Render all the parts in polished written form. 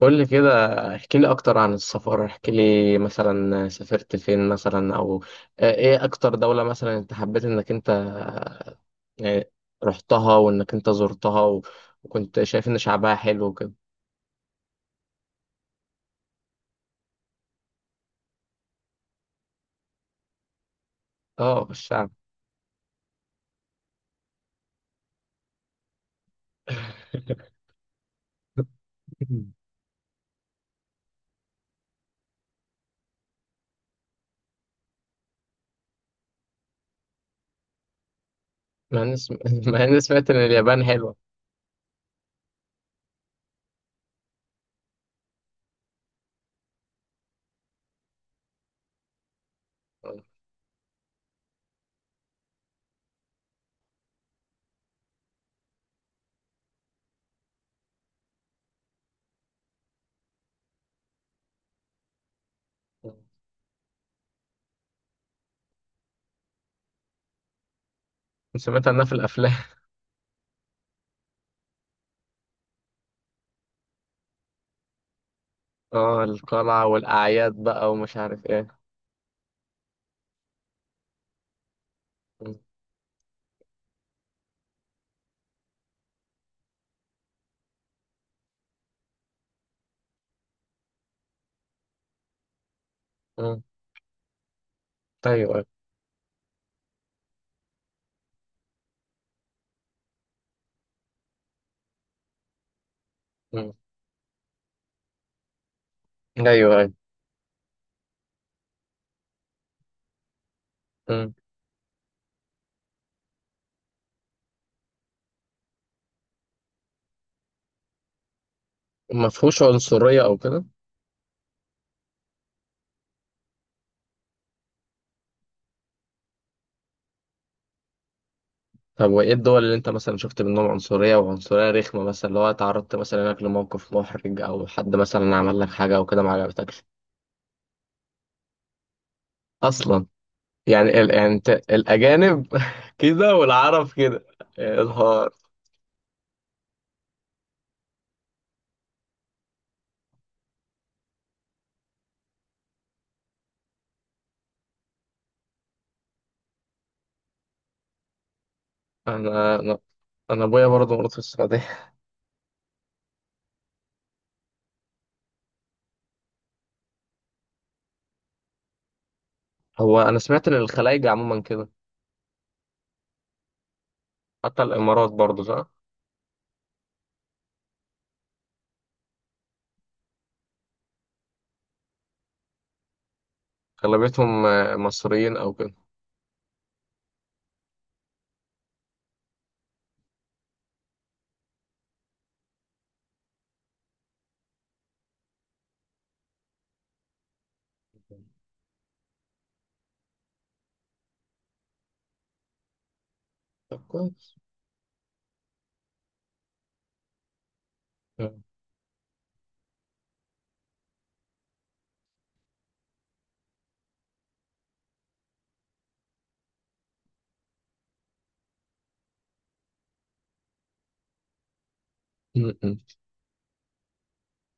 قول لي كده. احكي لي اكتر عن السفر، احكي لي مثلا سافرت فين مثلا او ايه اكتر دولة مثلا انت حبيت انك انت، يعني رحتها وانك انت زرتها وكنت شايف ان شعبها حلو وكده. اه، الشعب. مع اني مع اني سمعت ان اليابان حلوة. سمعت عنها في الافلام. اه، القلعة والاعياد بقى ومش عارف ايه. م- م. ايوه، ايوه. م. ايوه، ايوه. م. ما فيهوش عنصرية او كده؟ طب وايه الدول اللي انت مثلا شفت منهم عنصرية وعنصرية رخمة، مثلا لو اتعرضت مثلا انك لموقف محرج او حد مثلا عمل لك حاجة او كده ما عجبتكش اصلا؟ يعني يعني انت الاجانب كده والعرب كده. يا نهار. انا انا أنا ابويا برضه مولود في السعودية. هو انا سمعت ان الخلايجة عموما كده. حتى الامارات برضه صح؟ اغلبيتهم مصريين او كده. طب كويس.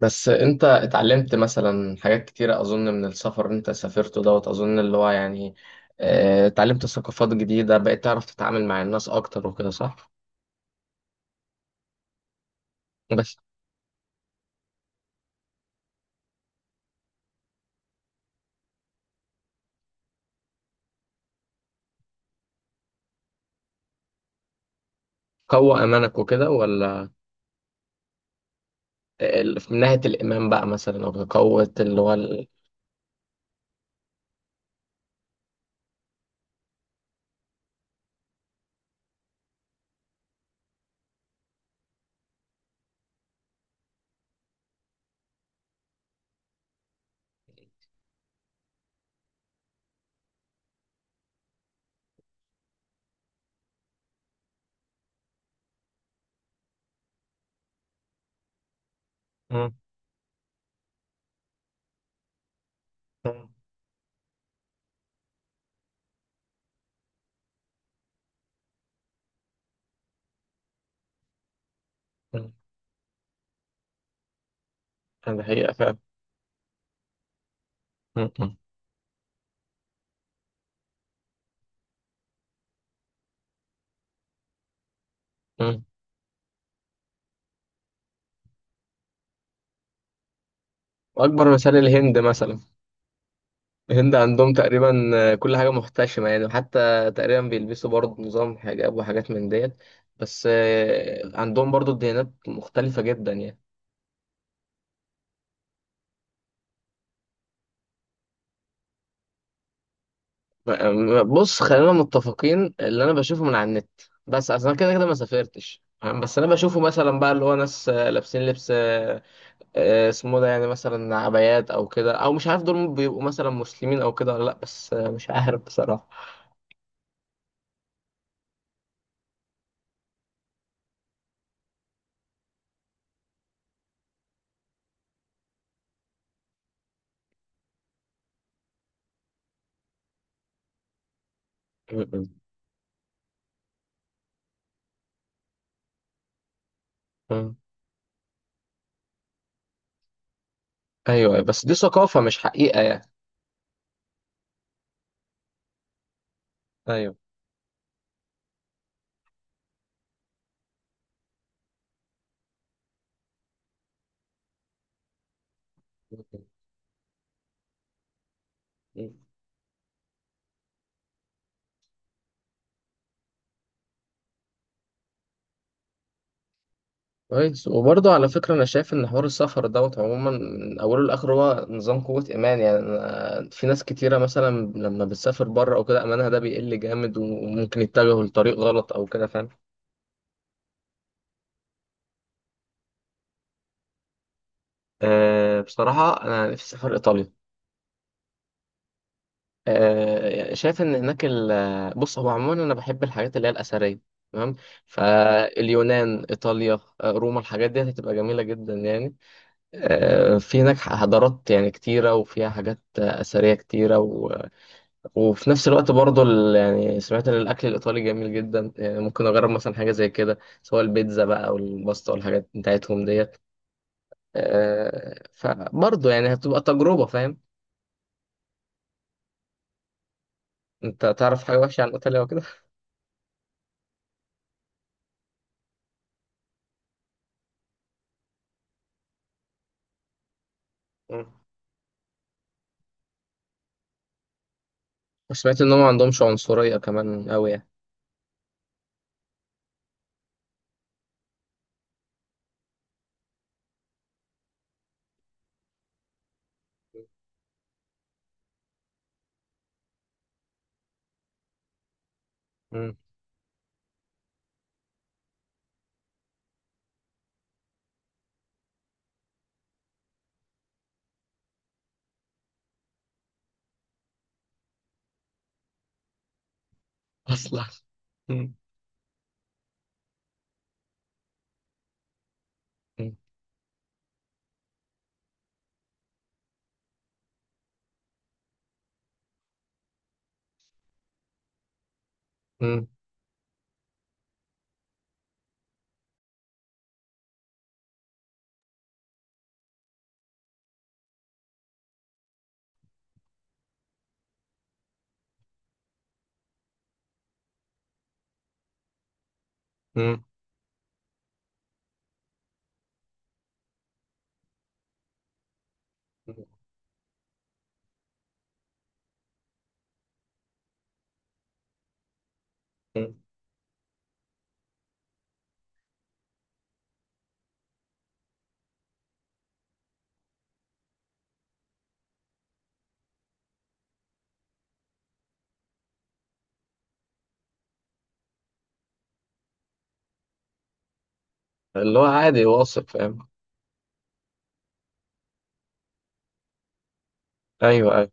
بس انت اتعلمت مثلا حاجات كتيرة اظن من السفر اللي انت سافرته دوت، اظن اللي هو يعني اه، اتعلمت ثقافات جديدة بقيت تعرف تتعامل مع الناس اكتر وكده، صح؟ بس قوة امانك وكده ولا؟ من ناحية الامام بقى مثلا او قوة اللي هو مم. مم. مم. ده حقيقة فعلا. مم. مم. مم. واكبر مثال الهند مثلا. الهند عندهم تقريبا كل حاجة محتشمة يعني. وحتى تقريبا بيلبسوا برضه نظام حجاب وحاجات من ديت، بس عندهم برضه الديانات مختلفة جدا يعني. بص، خلينا متفقين اللي أنا بشوفه من على النت. بس أصل أنا كده كده ما سافرتش، فاهم؟ بس أنا بشوفه مثلا بقى اللي هو ناس لابسين لبس، اسمه ده يعني مثلا عبايات أو كده، أو مش عارف دول بيبقوا مثلا مسلمين أو كده ولا لأ، بس مش عارف بصراحة. م- م. أيوه، بس دي ثقافة مش حقيقة يعني. أيوه. كويس. وبرضه على فكرة أنا شايف إن حوار السفر دوت عموما من أوله لآخره هو نظام قوة إيمان، يعني في ناس كتيرة مثلا لما بتسافر بره أو كده إيمانها ده بيقل جامد، وممكن يتجهوا لطريق غلط أو كده، فاهم؟ أه، بصراحة أنا نفسي أسافر إيطاليا. أه، شايف إن هناك بص، هو عموما أنا بحب الحاجات اللي هي الأثرية. تمام. فاليونان، إيطاليا، روما، الحاجات دي هتبقى جميلة جدا يعني. في هناك حضارات يعني كتيرة، وفيها حاجات أثرية كتيرة. وفي نفس الوقت برضه يعني سمعت ان الاكل الايطالي جميل جدا يعني، ممكن اجرب مثلا حاجه زي كده، سواء البيتزا بقى او الباستا والحاجات بتاعتهم ديت. فبرضه يعني هتبقى تجربه، فاهم؟ انت تعرف حاجه وحشه عن ايطاليا وكده؟ مم. وسمعت ان هم ما عندهمش عنصريه كمان قوي يعني. مم. اصلا. مم. م- م- م- م- اللي هو عادي واثق، فاهم؟ ايوه، ايوه.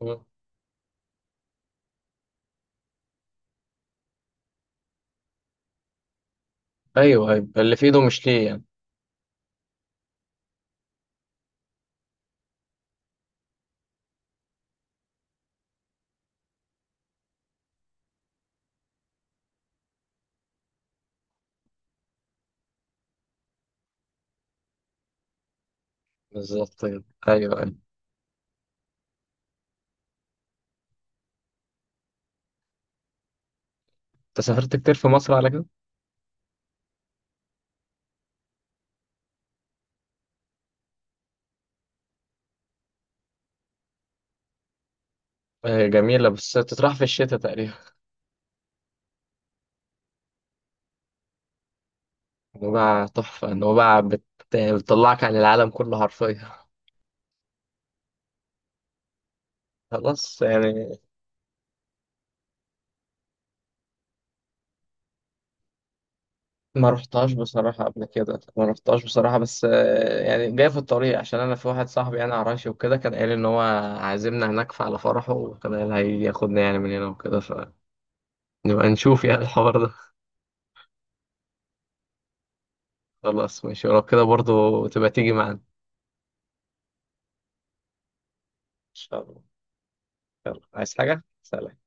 مم. ايوه، ايوه. اللي في ايده مش ليه يعني. بالظبط كده، ايوه، ايوه. انت سافرت كتير في مصر على كده؟ هي جميلة بس تطرح في الشتاء تقريبا. نوبة تحفة، نوبة بتطلعك عن العالم كله حرفيا. خلاص يعني. ما رحتهاش بصراحة قبل كده، ما رحتهاش بصراحة، بس يعني جاي في الطريق، عشان أنا في واحد صاحبي أنا عراشي وكده، كان قال إن هو عازمنا هناك على فرحه، وكان قال هياخدنا يعني من هنا وكده، فنبقى نشوف يعني الحوار ده. خلاص ماشي، ولو كده برضو تبقى تيجي معانا إن شاء الله. يلا، عايز حاجة؟ سلام.